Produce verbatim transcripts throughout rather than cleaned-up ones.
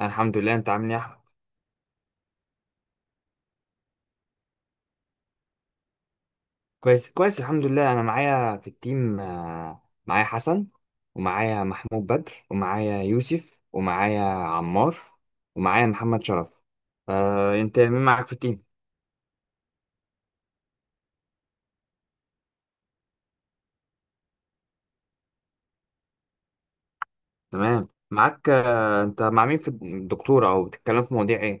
أنا الحمد لله، انت عامل ايه يا احمد؟ كويس كويس الحمد لله. انا معايا في التيم، آه، معايا حسن ومعايا محمود بدر ومعايا يوسف ومعايا عمار ومعايا محمد شرف. آه، انت مين معاك في التيم؟ تمام معاك. آه، انت مع مين في الدكتورة، او بتتكلم في مواضيع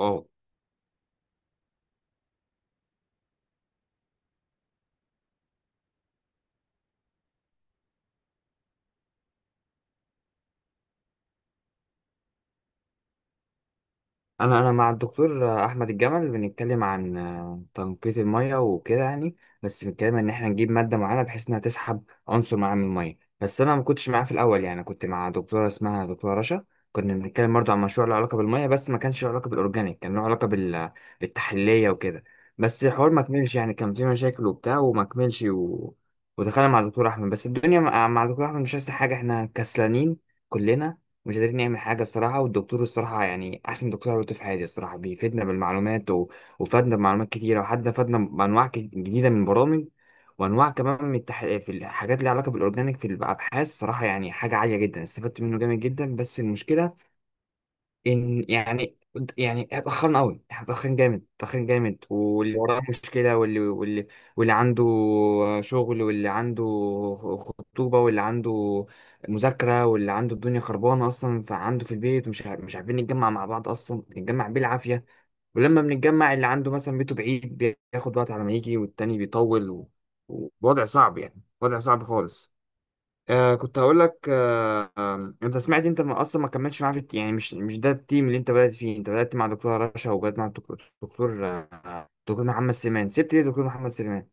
ايه؟ انا انا مع الدكتور احمد الجمل، بنتكلم عن آه، تنقية المية وكده يعني. بس بنتكلم ان احنا نجيب مادة معينة بحيث انها تسحب عنصر معين من المية. بس انا ما كنتش معاه في الاول، يعني كنت مع دكتورة اسمها دكتورة رشا. كنا بنتكلم برضه عن مشروع له علاقة بالمية، بس ما كانش له علاقة بالاورجانيك، كان له علاقة بال... بالتحليلية وكده. بس الحوار ما كملش، يعني كان في مشاكل وبتاع وما كملش و... ودخلنا مع دكتور احمد. بس الدنيا مع مع دكتور احمد مش احسن حاجة، احنا كسلانين كلنا، مش قادرين نعمل حاجة الصراحة. والدكتور الصراحة يعني أحسن دكتور عملته في حياتي الصراحة، بيفيدنا بالمعلومات و... وفادنا بمعلومات كتيرة، وحتى فادنا بأنواع ك- جديدة من البرامج، وأنواع كمان من التح... في الحاجات اللي علاقة بالأورجانيك في الأبحاث. صراحة يعني حاجة عالية جدا، استفدت منه جامد جدا. بس المشكلة ان يعني يعني اتاخرنا قوي، احنا اتاخرين جامد اتاخرين جامد. واللي وراه مشكله واللي واللي واللي عنده شغل، واللي عنده خطوبه، واللي عنده مذاكره، واللي عنده الدنيا خربانه اصلا فعنده في البيت. مش عارف- مش عارفين نتجمع مع بعض اصلا، نتجمع بالعافيه. ولما بنتجمع اللي عنده مثلا بيته بعيد بياخد وقت على ما يجي، والتاني بيطول و- ووضع صعب، يعني وضع صعب خالص. آه كنت هقول لك. آه آه، انت سمعت؟ انت ما اصلا ما كملتش معاه في الت- يعني مش مش ده التيم اللي انت بدأت فيه؟ انت بدأت مع دكتور رشا، وبدأت مع الدكتور دكتور آه، دكتور محمد سليمان. سبت ليه دكتور محمد سليمان؟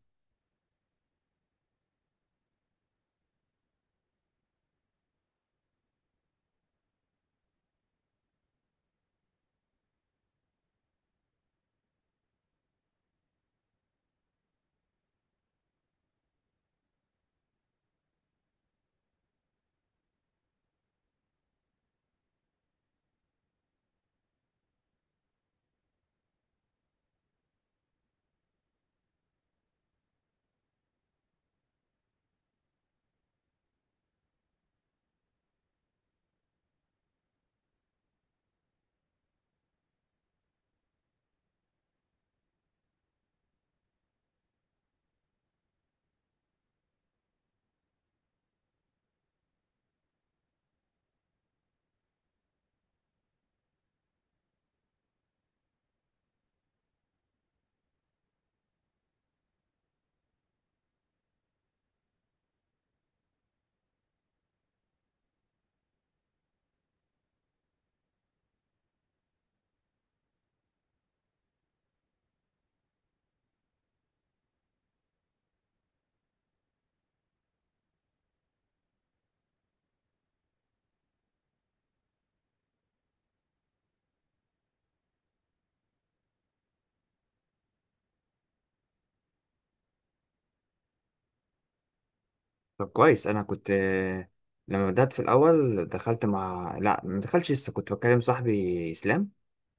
طب كويس. انا كنت، آه، لما بدأت في الاول دخلت مع، لا ما دخلتش لسه، كنت بكلم صاحبي اسلام،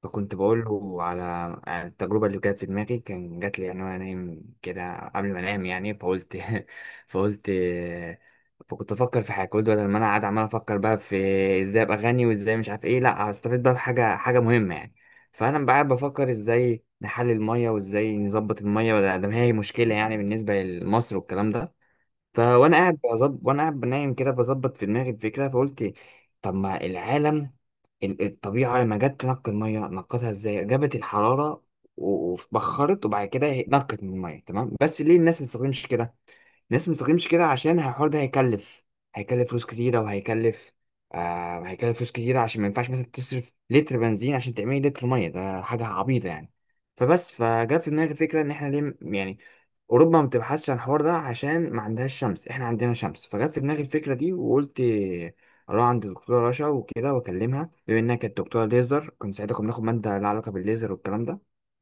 فكنت بقول له على على التجربه اللي جت في دماغي، كان جات لي يعني وانا نايم كده قبل ما انام يعني، فقلت فقلت آه، فكنت بفكر في حاجه. قلت بدل ما انا قاعد عمال افكر بقى في ازاي ابقى غني وازاي مش عارف ايه، لا هستفيد بقى بحاجه حاجه مهمه يعني. فانا بقى قاعد بفكر ازاي نحلل الميه وازاي نظبط الميه، بدل- ده ما هي مشكله يعني بالنسبه لمصر والكلام ده. فوانا قاعد بظبط وانا قاعد بنايم كده بظبط في دماغي الفكره، فقلت طب ما العالم، ال- الطبيعه لما جت تنقي الميه نقتها ازاي؟ جابت الحراره و- وبخرت، وبعد كده هي- نقت من الميه. تمام. بس ليه الناس ما بتستخدمش كده؟ ناس ما بتستخدمش كده عشان الحوار ده هيكلف هيكلف فلوس كتيرة. وهيكلف آه هيكلف فلوس كتيرة عشان ما ينفعش مثلا تصرف لتر بنزين عشان تعملي لتر مية، ده حاجة عبيطة يعني. فبس، فجاء في دماغي فكرة إن إحنا ليه، م- يعني أوروبا ما بتبحثش عن الحوار ده عشان ما عندهاش شمس، إحنا عندنا شمس. فجت في دماغي الفكرة دي وقلت أروح عند الدكتورة رشا وكده وأكلمها، بما إنها كانت دكتورة ليزر، كنت ساعتها كنا بناخد مادة لها علاقة بالليزر والكلام ده.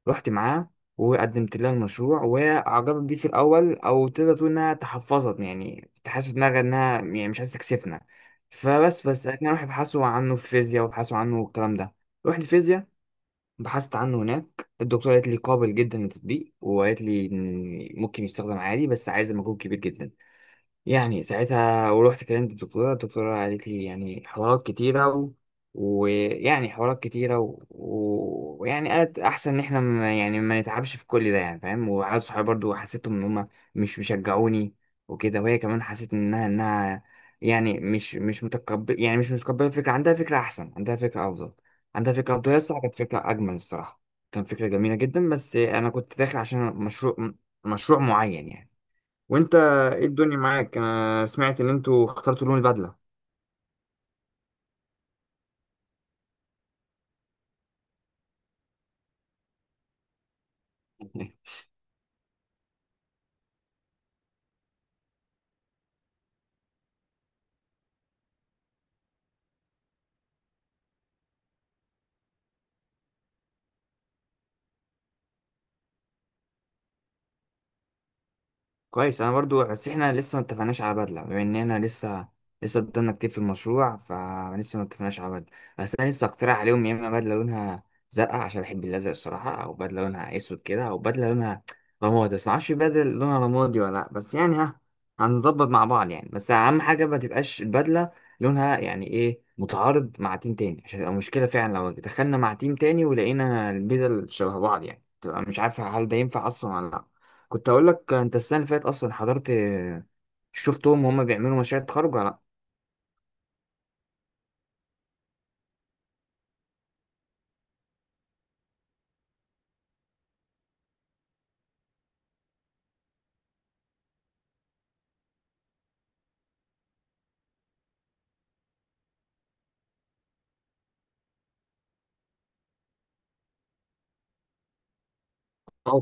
رحت معاها وقدمت لها المشروع، وعجبت بيه في الاول، او تقدر تقول انها تحفظت يعني، كنت حاسس في دماغها انها يعني مش عايزه تكسفنا. فبس بس انا راح ابحثوا عنه في فيزياء، وابحثوا عنه والكلام ده. رحت فيزياء، بحثت عنه هناك، الدكتوره قالت لي قابل جدا للتطبيق، وقالت لي إن ممكن يستخدم عادي بس عايز مجهود كبير جدا يعني. ساعتها ورحت كلمت الدكتورة، الدكتورة قالت لي يعني حوارات كتيرة و... ويعني حوارات كتيرة و... و- ويعني قالت أحسن إن إحنا ما يعني ما نتعبش في كل ده، يعني فاهم. وعيال صحابي برضو حسيتهم إن هما مش مشجعوني وكده. وهي كمان حسيت إنها إنها يعني مش مش متقبل، يعني مش متقبلة الفكرة. عندها فكرة أحسن، عندها فكرة أفضل، عندها فكرة أفضل. هي الصراحة كانت فكرة أجمل الصراحة، كان فكرة جميلة جدا. بس أنا كنت داخل عشان مشروع، مشروع معين يعني. وانت ايه الدنيا معاك؟ انا سمعت ان انتوا اخترتوا لون البدله. كويس. انا برضو بس احنا لسه ما اتفقناش على بدله، بما اننا لسه، لسه قدامنا كتير في المشروع، فلسه ما اتفقناش على بدله. بس انا لسه اقترح عليهم يا اما بدله لونها زرقاء عشان بحب الازرق الصراحه، او بدله لونها اسود كده، او بدله لونها رمادي، بس ما اعرفش بدله لونها رمادي ولا لا، بس يعني ها هنظبط مع بعض يعني. بس اهم حاجه ما تبقاش البدله لونها يعني ايه متعارض مع تيم تاني عشان تبقى مشكله، فعلا لو دخلنا مع تيم تاني ولقينا البدل شبه بعض يعني تبقى مش عارفه هل ده ينفع اصلا ولا لا. كنت اقول لك، انت السنه اللي فاتت اصلا حضرت؟ شفتهم وهم بيعملوا مشاريع تخرج ولا لا؟ اه.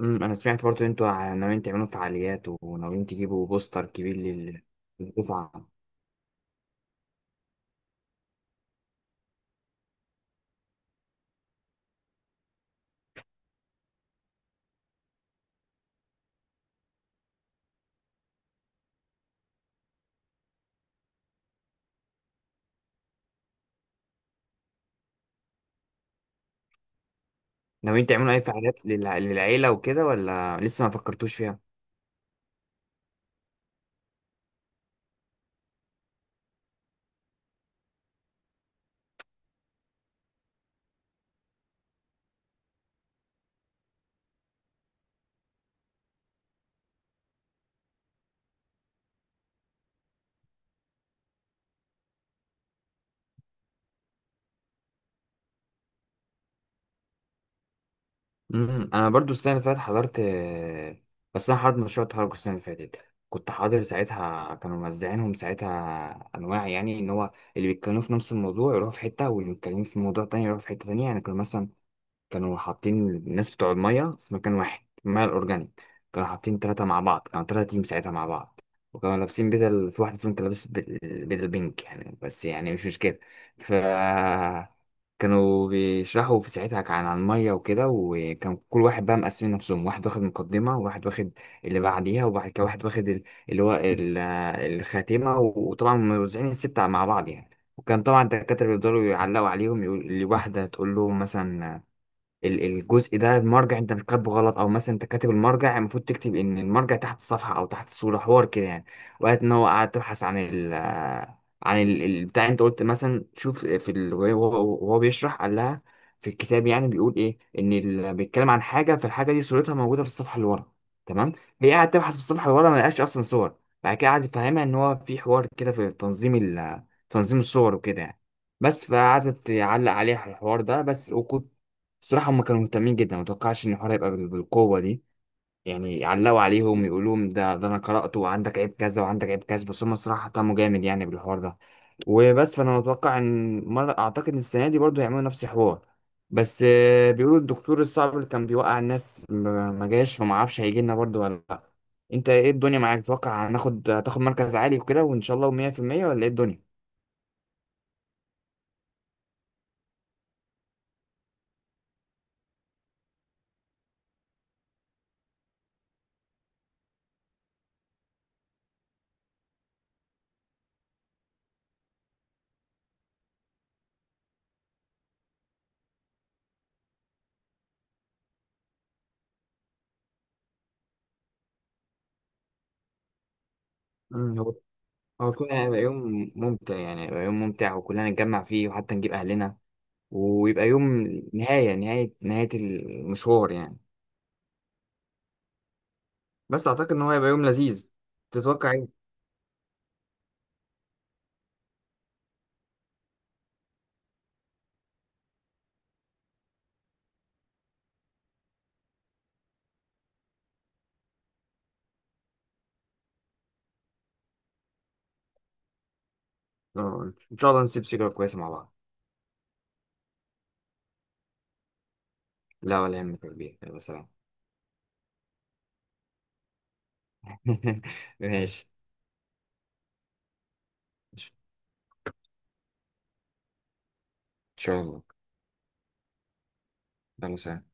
أمم، انا سمعت برضه انتوا ع- ناويين تعملوا فعاليات وناويين تجيبوا بوستر كبير لل- للدفعه. ناويين تعملوا اي فعاليات للع- للعيله وكده، ولا لسه ما فكرتوش فيها؟ امم انا برضه السنه اللي فاتت حضرت، بس انا حضرت مشروع تخرج السنه اللي فاتت، كنت حاضر ساعتها. كانوا موزعينهم ساعتها انواع، يعني ان هو اللي بيتكلموا في نفس الموضوع يروحوا في حته، واللي بيتكلموا في موضوع تاني يروحوا في حته تانيه يعني. كانوا مثلا كانوا حاطين الناس بتوع المية في مكان واحد، المية الأورجانيك كانوا حاطين تلاتة مع بعض، كانوا تلاتة تيم ساعتها مع بعض. وكانوا لابسين بدل، في واحد فيهم كان لابس بدل، بدل بينك يعني، بس يعني مش مشكلة. ف كانوا بيشرحوا في، ساعتها كان عن المية وكده، وكان كل واحد بقى مقسمين نفسهم، واحد واخد مقدمة وواحد واخد اللي بعديها، وبعد كده واحد واخد ال- اللي هو ال- الخاتمة، وطبعا موزعين الستة مع بعض يعني. وكان طبعا الدكاترة بيفضلوا يعلقوا عليهم، يقول لواحدة تقول لهم مثلا ال- الجزء ده المرجع انت بتكتبه غلط، او مثلا انت كاتب المرجع، المفروض تكتب ان المرجع تحت الصفحه او تحت الصوره، حوار كده يعني. وقت ان هو قاعد تبحث عن ال عن ال- البتاع، انت قلت مثلا شوف في ال... وهو وهو بيشرح، قال لها في الكتاب يعني بيقول ايه ان ال... بيتكلم عن حاجه، فالحاجه دي صورتها موجوده في الصفحه اللي ورا. تمام. هي قاعد تبحث في الصفحه اللي ورا ما لقاش اصلا صور. بعد كده قعد يفهمها ان هو في حوار كده في تنظيم ال... تنظيم الصور وكده يعني. بس فقعدت تعلق عليه على الحوار ده بس. وكنت الصراحة هم كانوا مهتمين جدا، ما توقعش ان الحوار هيبقى بال- بالقوة دي يعني. علقوا عليهم يقولوا لهم ده ده انا قرأته وعندك عيب كذا وعندك عيب كذا، بس هم الصراحة اهتموا جامد يعني بالحوار ده، وبس. فانا متوقع ان مرة اعتقد ان السنة دي برضو هيعملوا نفس الحوار. بس آه، بيقولوا الدكتور الصعب اللي كان بيوقع الناس ما ما جاش، فما اعرفش هيجي لنا برضو ولا لا. انت ايه الدنيا معاك؟ تتوقع هناخد هتاخد مركز عالي وكده، وان شاء الله مية بالمية؟ ولا ايه الدنيا؟ مم، هو هو فعلا هيبقى يوم ممتع يعني، هيبقى يوم ممتع وكلنا نتجمع فيه وحتى نجيب اهلنا، ويبقى يوم نهاية نهاية نهاية المشوار يعني. بس أعتقد إن هو هيبقى يوم لذيذ. تتوقع إيه؟ آه، إن شاء الله نسيب سيجارة كويسة مع بعض. لا ولا يهمك يا كبير، يلا سلام. ماشي. إن شاء الله. يلا سلام.